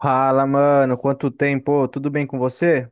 Fala, mano, quanto tempo? Tudo bem com você?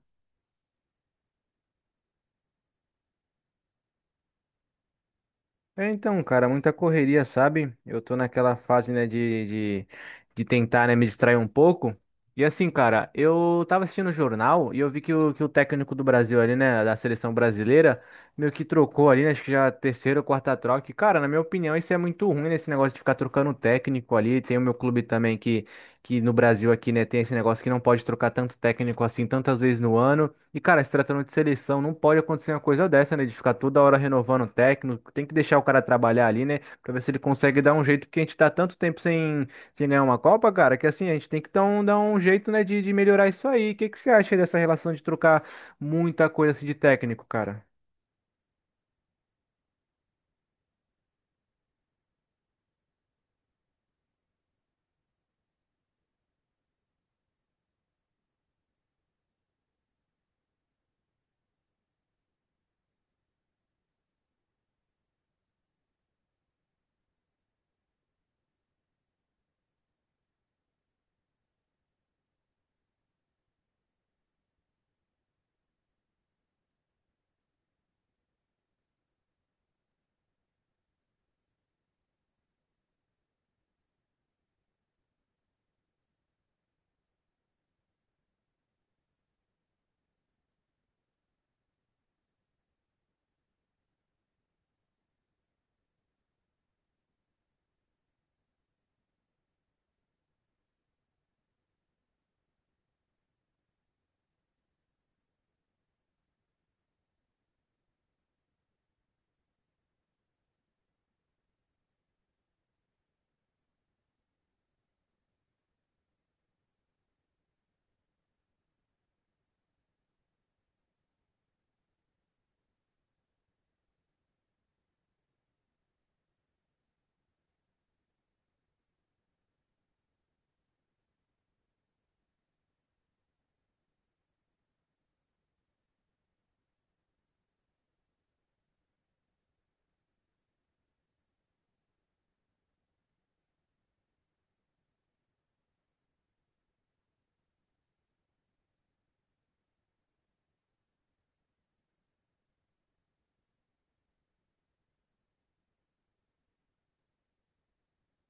É, então, cara, muita correria, sabe? Eu tô naquela fase, né, de tentar, né, me distrair um pouco. E assim, cara, eu tava assistindo o jornal e eu vi que o técnico do Brasil ali, né, da seleção brasileira, meio que trocou ali, né, acho que já a terceira ou quarta troca. E, cara, na minha opinião, isso é muito ruim, né, esse negócio de ficar trocando técnico ali. Tem o meu clube também que no Brasil aqui, né, tem esse negócio que não pode trocar tanto técnico assim tantas vezes no ano. E, cara, se tratando de seleção, não pode acontecer uma coisa dessa, né? De ficar toda hora renovando o técnico. Tem que deixar o cara trabalhar ali, né? Pra ver se ele consegue dar um jeito, porque a gente tá tanto tempo sem ganhar uma Copa, cara, que assim, a gente tem que dar um jeito, né, de melhorar isso aí. O que que você acha dessa relação de trocar muita coisa assim de técnico, cara?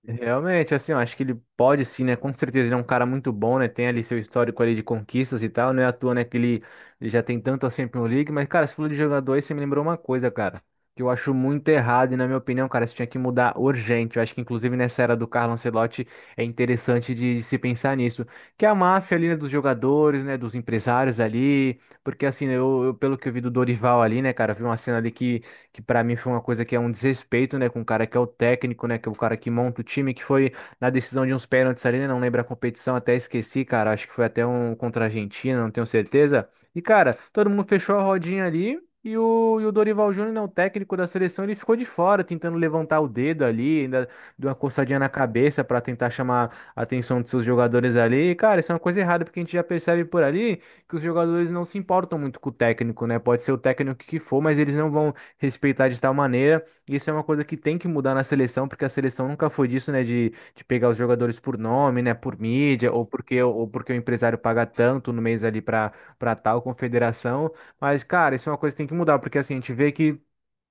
Realmente, assim, eu acho que ele pode sim, né? Com certeza ele é um cara muito bom, né? Tem ali seu histórico ali de conquistas e tal, não é à toa, né? Que ele já tem tanto assim Champions League, mas, cara, você falou de jogador aí, você me lembrou uma coisa, cara, que eu acho muito errado e, na minha opinião, cara, isso tinha que mudar urgente. Eu acho que, inclusive, nessa era do Carlo Ancelotti, é interessante de se pensar nisso. Que é a máfia ali, né? Dos jogadores, né? Dos empresários ali, porque, assim, né, pelo que eu vi do Dorival ali, né, cara, eu vi uma cena ali que para mim foi uma coisa que é um desrespeito, né, com o cara que é o técnico, né, que é o cara que monta o time, que foi na decisão de uns pênaltis ali, né, não lembro a competição, até esqueci, cara, acho que foi até um contra a Argentina, não tenho certeza. E, cara, todo mundo fechou a rodinha ali. E o Dorival Júnior, né, o técnico da seleção, ele ficou de fora, tentando levantar o dedo ali, ainda deu uma coçadinha na cabeça para tentar chamar a atenção dos seus jogadores ali. E, cara, isso é uma coisa errada, porque a gente já percebe por ali que os jogadores não se importam muito com o técnico, né? Pode ser o técnico que for, mas eles não vão respeitar de tal maneira. Isso é uma coisa que tem que mudar na seleção, porque a seleção nunca foi disso, né? De pegar os jogadores por nome, né? Por mídia, ou porque o empresário paga tanto no mês ali para tal confederação. Mas, cara, isso é uma coisa que tem que mudar, porque assim, a gente vê que.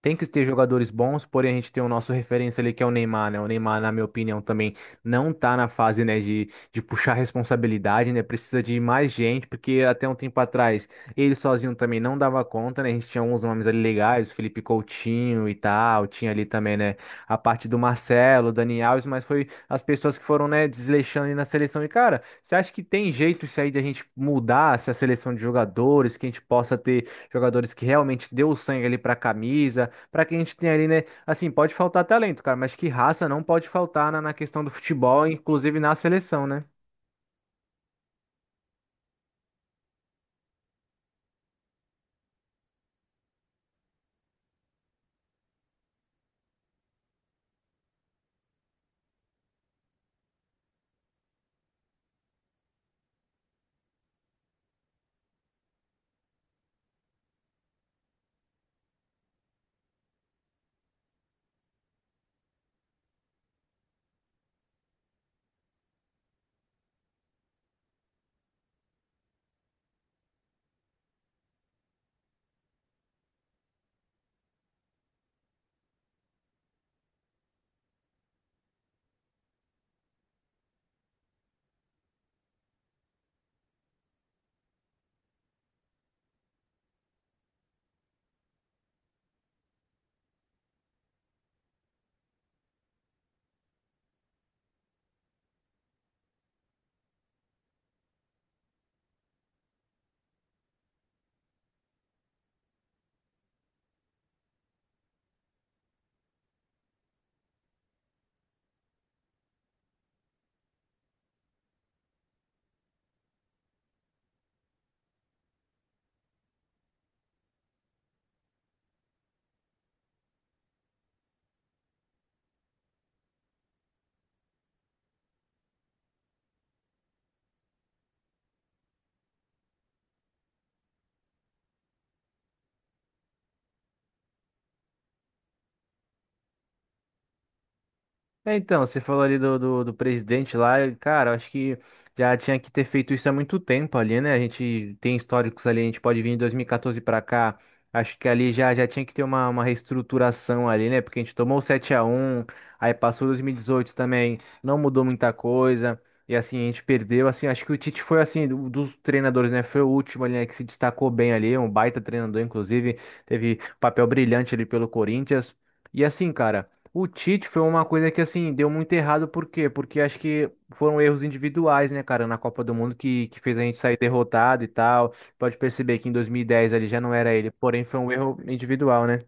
Tem que ter jogadores bons, porém a gente tem o nosso referência ali que é o Neymar, né? O Neymar, na minha opinião, também não tá na fase, né, de puxar responsabilidade, né? Precisa de mais gente, porque até um tempo atrás ele sozinho também não dava conta, né? A gente tinha uns nomes ali legais, o Felipe Coutinho e tal, tinha ali também, né, a parte do Marcelo, o Dani Alves, mas foi as pessoas que foram, né, desleixando ali na seleção. E, cara, você acha que tem jeito isso aí de a gente mudar essa seleção de jogadores, que a gente possa ter jogadores que realmente deu o sangue ali pra camisa? Para que a gente tenha ali, né? Assim, pode faltar talento, cara, mas que raça não pode faltar na questão do futebol, inclusive na seleção, né? É, então, você falou ali do presidente lá, e, cara, eu acho que já tinha que ter feito isso há muito tempo ali, né? A gente tem históricos ali, a gente pode vir em dois mil e 2014 pra cá, acho que ali já tinha que ter uma reestruturação ali, né? Porque a gente tomou o 7x1, aí passou 2018 também, não mudou muita coisa, e assim, a gente perdeu, assim, acho que o Tite foi, assim, dos treinadores, né? Foi o último ali, né, que se destacou bem ali, um baita treinador, inclusive, teve papel brilhante ali pelo Corinthians, e assim, cara. O Tite foi uma coisa que, assim, deu muito errado, por quê? Porque acho que foram erros individuais, né, cara, na Copa do Mundo que fez a gente sair derrotado e tal. Pode perceber que em 2010 ele já não era ele, porém foi um erro individual, né?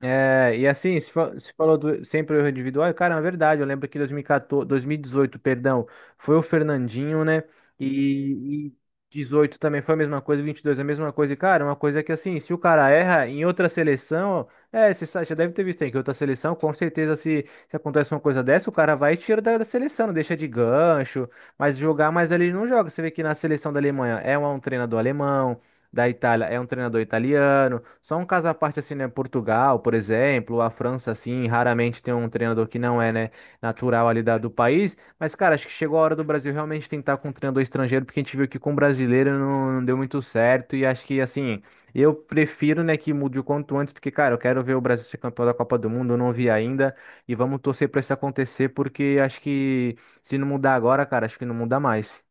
É, e assim, se falou do, sempre o erro individual, e, cara, é verdade, eu lembro que 2014, 2018, perdão, foi o Fernandinho, né? E 18 também foi a mesma coisa, 22 a mesma coisa. E, cara, uma coisa é que assim, se o cara erra em outra seleção, é, você já deve ter visto aí que outra seleção, com certeza, se acontece uma coisa dessa, o cara vai e tira da seleção, não deixa de gancho, mas jogar, mas ali ele não joga. Você vê que na seleção da Alemanha é um treinador alemão. Da Itália é um treinador italiano. Só um caso à parte, assim, né? Portugal, por exemplo, a França, assim, raramente tem um treinador que não é, né, natural ali da, do país. Mas, cara, acho que chegou a hora do Brasil realmente tentar com um treinador estrangeiro, porque a gente viu que com brasileiro não deu muito certo. E acho que, assim, eu prefiro, né, que mude o quanto antes, porque, cara, eu quero ver o Brasil ser campeão da Copa do Mundo, eu não vi ainda. E vamos torcer pra isso acontecer, porque acho que se não mudar agora, cara, acho que não muda mais.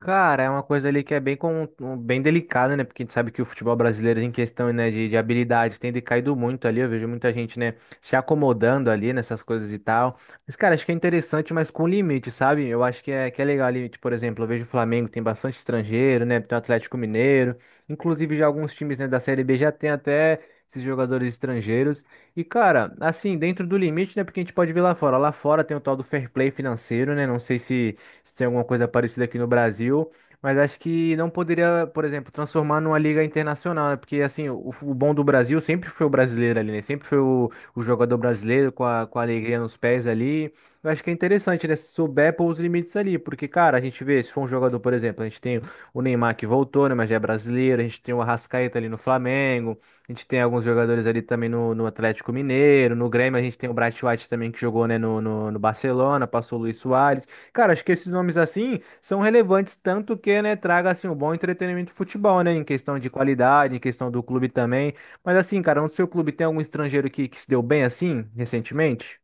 Cara, é uma coisa ali que é bem delicada, né? Porque a gente sabe que o futebol brasileiro, em questão, né, de habilidade, tem decaído muito ali. Eu vejo muita gente, né, se acomodando ali nessas coisas e tal. Mas, cara, acho que é interessante, mas com limite, sabe? Eu acho que é legal ali, tipo, por exemplo, eu vejo o Flamengo tem bastante estrangeiro, né? Tem o Atlético Mineiro. Inclusive, já alguns times, né, da Série B já tem até esses jogadores estrangeiros. E, cara, assim, dentro do limite, né? Porque a gente pode ver lá fora. Lá fora tem o tal do fair play financeiro, né? Não sei se tem alguma coisa parecida aqui no Brasil. Mas acho que não poderia, por exemplo, transformar numa liga internacional, né? Porque, assim, o bom do Brasil sempre foi o brasileiro ali, né? Sempre foi o jogador brasileiro com a alegria nos pés ali. Eu acho que é interessante, né? Se souber pôr os limites ali. Porque, cara, a gente vê, se for um jogador, por exemplo, a gente tem o Neymar que voltou, né? Mas já é brasileiro. A gente tem o Arrascaeta ali no Flamengo. A gente tem alguns jogadores ali também no Atlético Mineiro. No Grêmio, a gente tem o Bright White também que jogou, né? No Barcelona, passou o Luis Soares. Cara, acho que esses nomes assim são relevantes tanto que, né, traga assim um bom entretenimento do futebol, né, em questão de qualidade, em questão do clube também. Mas assim, cara, no seu clube tem algum estrangeiro que se deu bem assim recentemente?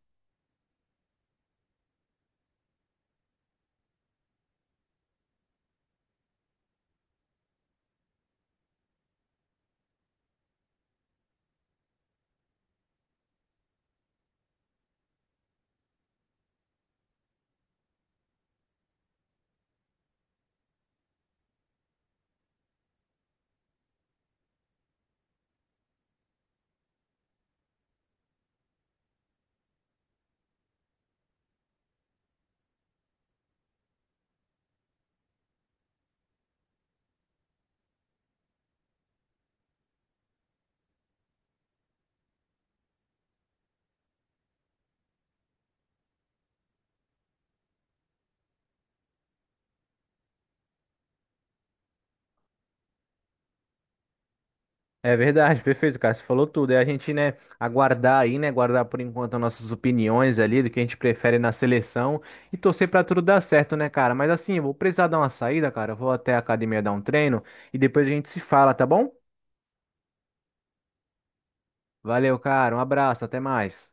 É verdade, perfeito, cara, você falou tudo. É a gente, né, aguardar aí, né, guardar por enquanto as nossas opiniões ali do que a gente prefere na seleção e torcer pra tudo dar certo, né, cara? Mas assim, eu vou precisar dar uma saída, cara. Eu vou até a academia dar um treino e depois a gente se fala, tá bom? Valeu, cara. Um abraço, até mais.